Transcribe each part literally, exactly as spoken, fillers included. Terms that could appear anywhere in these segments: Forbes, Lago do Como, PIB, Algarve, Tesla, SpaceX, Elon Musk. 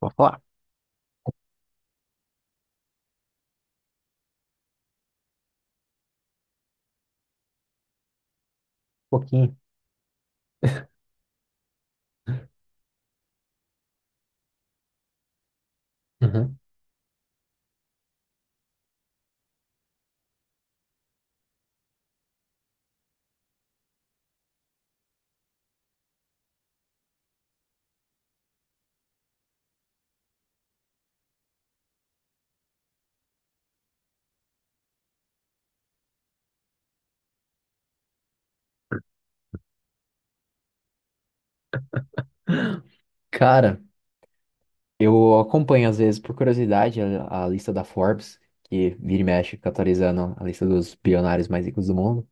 Vou falar. Um pouquinho. Uhum. Cara, eu acompanho às vezes por curiosidade a, a lista da Forbes, que vira e mexe atualizando a lista dos bilionários mais ricos do mundo.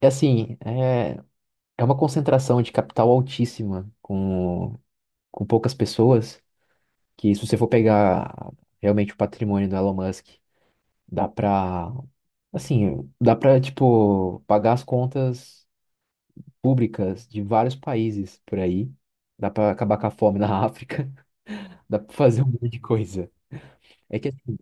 E assim, é, é uma concentração de capital altíssima com, com poucas pessoas, que se você for pegar realmente o patrimônio do Elon Musk, dá pra, assim, dá pra, tipo, pagar as contas públicas de vários países por aí. Dá pra acabar com a fome na África. Dá pra fazer um monte de coisa. É que assim,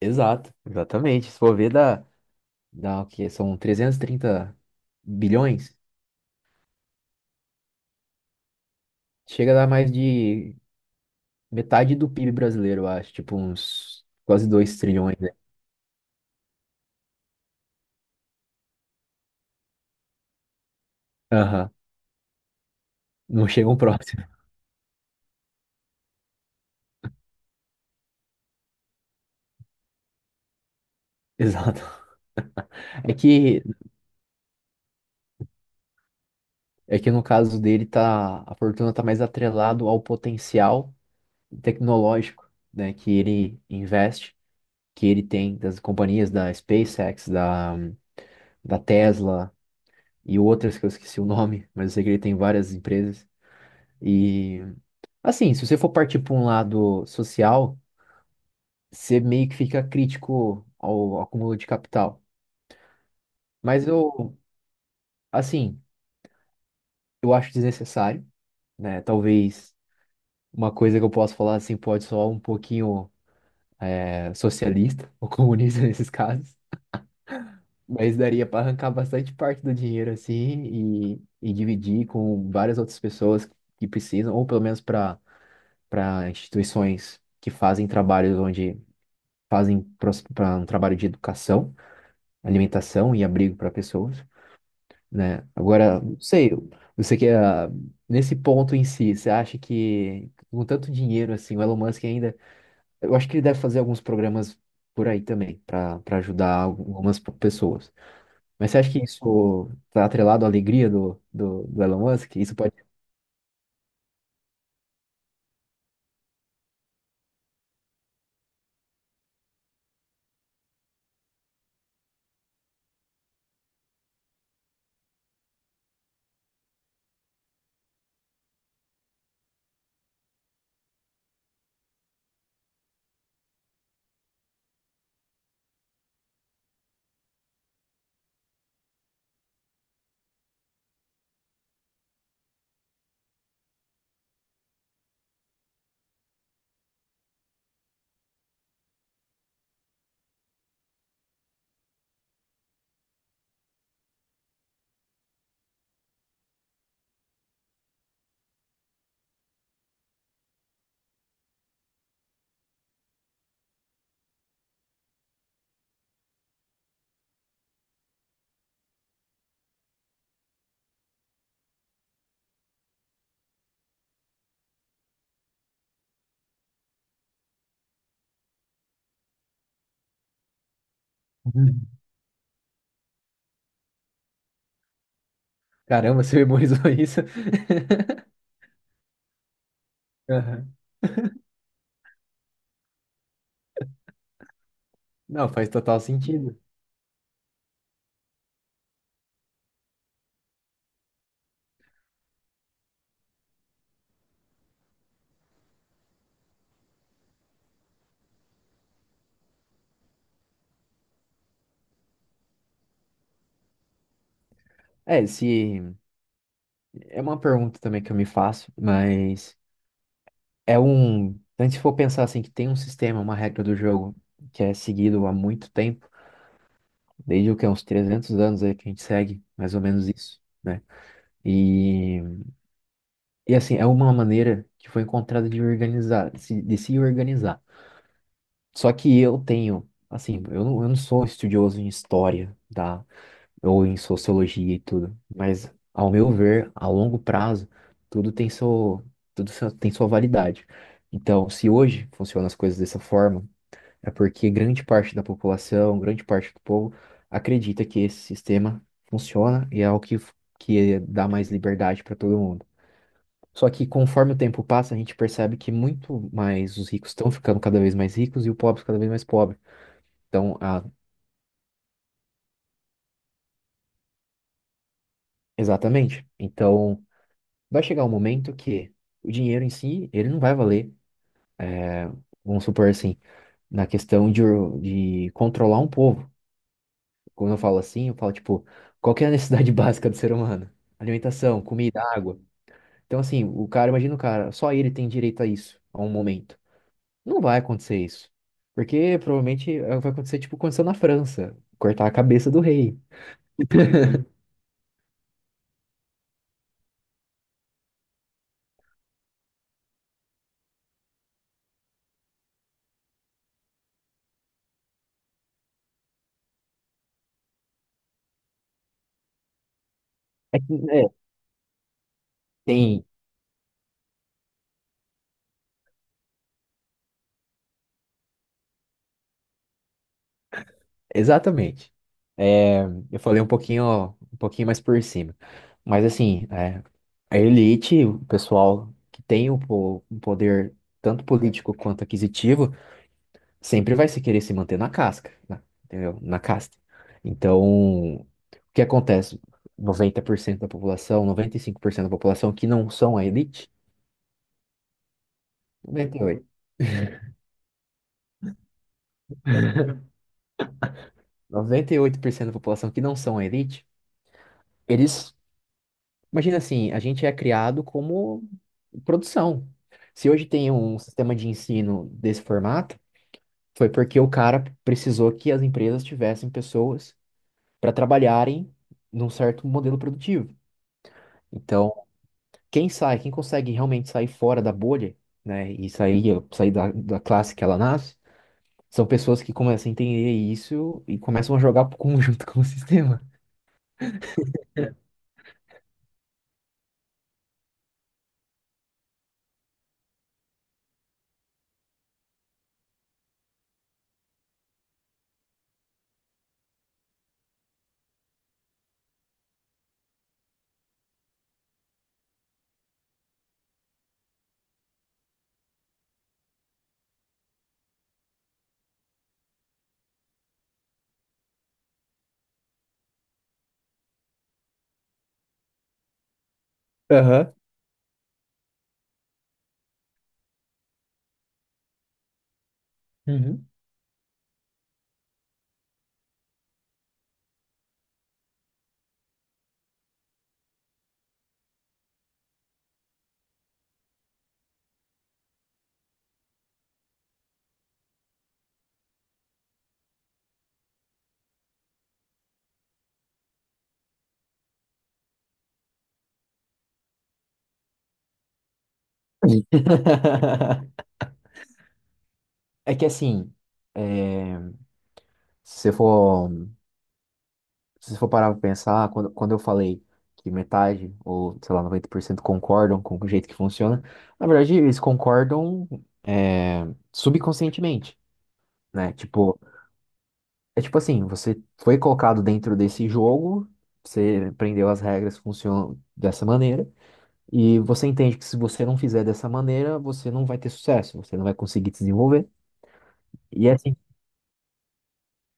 exato, exatamente. Se for ver, dá, dá o quê? São trezentos e trinta bilhões. Chega a dar mais de metade do P I B brasileiro, eu acho. Tipo, uns quase dois trilhões, né? Aham. Não chegam próximo. Exato. É que, é que no caso dele, tá, a fortuna tá mais atrelado ao potencial tecnológico, né? Que ele investe, que ele tem das companhias da SpaceX, da, da Tesla e outras que eu esqueci o nome, mas eu sei que ele tem várias empresas. E assim, se você for partir para um lado social, você meio que fica crítico ao acúmulo de capital. Mas eu, assim, eu acho desnecessário, né? Talvez uma coisa que eu posso falar assim pode soar um pouquinho é, socialista ou comunista nesses casos. Mas daria para arrancar bastante parte do dinheiro assim e, e dividir com várias outras pessoas que precisam, ou pelo menos para para instituições que fazem trabalhos onde fazem para um trabalho de educação, alimentação e abrigo para pessoas, né? Agora, não sei, você que ah, nesse ponto em si, você acha que com tanto dinheiro assim, o Elon Musk ainda, eu acho que ele deve fazer alguns programas por aí também para para ajudar algumas pessoas. Mas você acha que isso tá atrelado à alegria do, do, do Elon Musk? Isso pode Uhum. Caramba, você memorizou isso? Aham. Não, faz total sentido. É, se é uma pergunta também que eu me faço, mas é um. Então, se for pensar assim, que tem um sistema, uma regra do jogo que é seguido há muito tempo, desde o que, uns trezentos anos aí que a gente segue, mais ou menos isso, né? E, e assim, é uma maneira que foi encontrada de organizar, de se de se organizar. Só que eu tenho, assim, eu não, eu não sou estudioso em história, tá? Ou em sociologia e tudo. Mas, ao meu ver, a longo prazo, tudo tem seu, tudo seu- tem sua validade. Então, se hoje funcionam as coisas dessa forma, é porque grande parte da população, grande parte do povo, acredita que esse sistema funciona e é o que, que dá mais liberdade para todo mundo. Só que conforme o tempo passa, a gente percebe que muito mais os ricos estão ficando cada vez mais ricos e o pobre cada vez mais pobre. Então, a, exatamente. Então, vai chegar um momento que o dinheiro em si, ele não vai valer, é, vamos supor assim, na questão de, de controlar um povo. Quando eu falo assim, eu falo, tipo, qual que é a necessidade básica do ser humano? Alimentação, comida, água. Então, assim, o cara, imagina o cara, só ele tem direito a isso, a um momento. Não vai acontecer isso. Porque provavelmente é, vai acontecer, tipo, aconteceu na França, cortar a cabeça do rei. É, que, né, tem exatamente. É, eu falei um pouquinho, um pouquinho mais por cima. Mas assim, é, a elite, o pessoal que tem um, po- um poder tanto político quanto aquisitivo, sempre vai se querer se manter na casca, na- entendeu? Na casta. Então, o que acontece? Noventa por cento da população, noventa e cinco por cento da população que não são a elite, noventa noventa e e oito noventa e oito por cento da população que não são a elite, eles imagina assim, a gente é criado como produção. Se hoje tem um sistema de ensino desse formato, foi porque o cara precisou que as empresas tivessem pessoas para trabalharem num certo modelo produtivo. Então, quem sai, quem consegue realmente sair fora da bolha, né, e sair, sair da, da classe que ela nasce, são pessoas que começam a entender isso e começam a jogar pro conjunto com o sistema. Aham. Uhum. É que assim, é, se você for, se você for parar pra pensar, quando, quando eu falei que metade, ou sei lá, noventa por cento concordam com o jeito que funciona, na verdade eles concordam é, subconscientemente, né? Tipo, é tipo assim, você foi colocado dentro desse jogo, você aprendeu as regras, funcionam dessa maneira, e você entende que se você não fizer dessa maneira, você não vai ter sucesso, você não vai conseguir desenvolver. E é assim.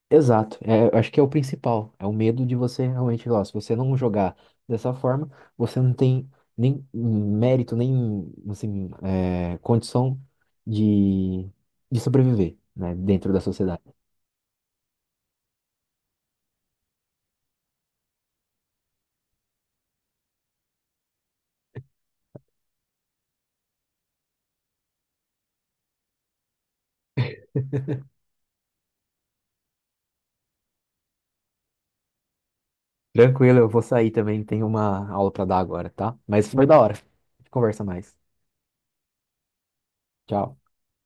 Exato, é, eu acho que é o principal, é o medo de você realmente, ó, se você não jogar dessa forma, você não tem nem mérito, nem assim, é, condição de, de sobreviver, né, dentro da sociedade. Tranquilo, eu vou sair também, tenho uma aula para dar agora, tá? Mas foi da hora. A gente conversa mais. Tchau.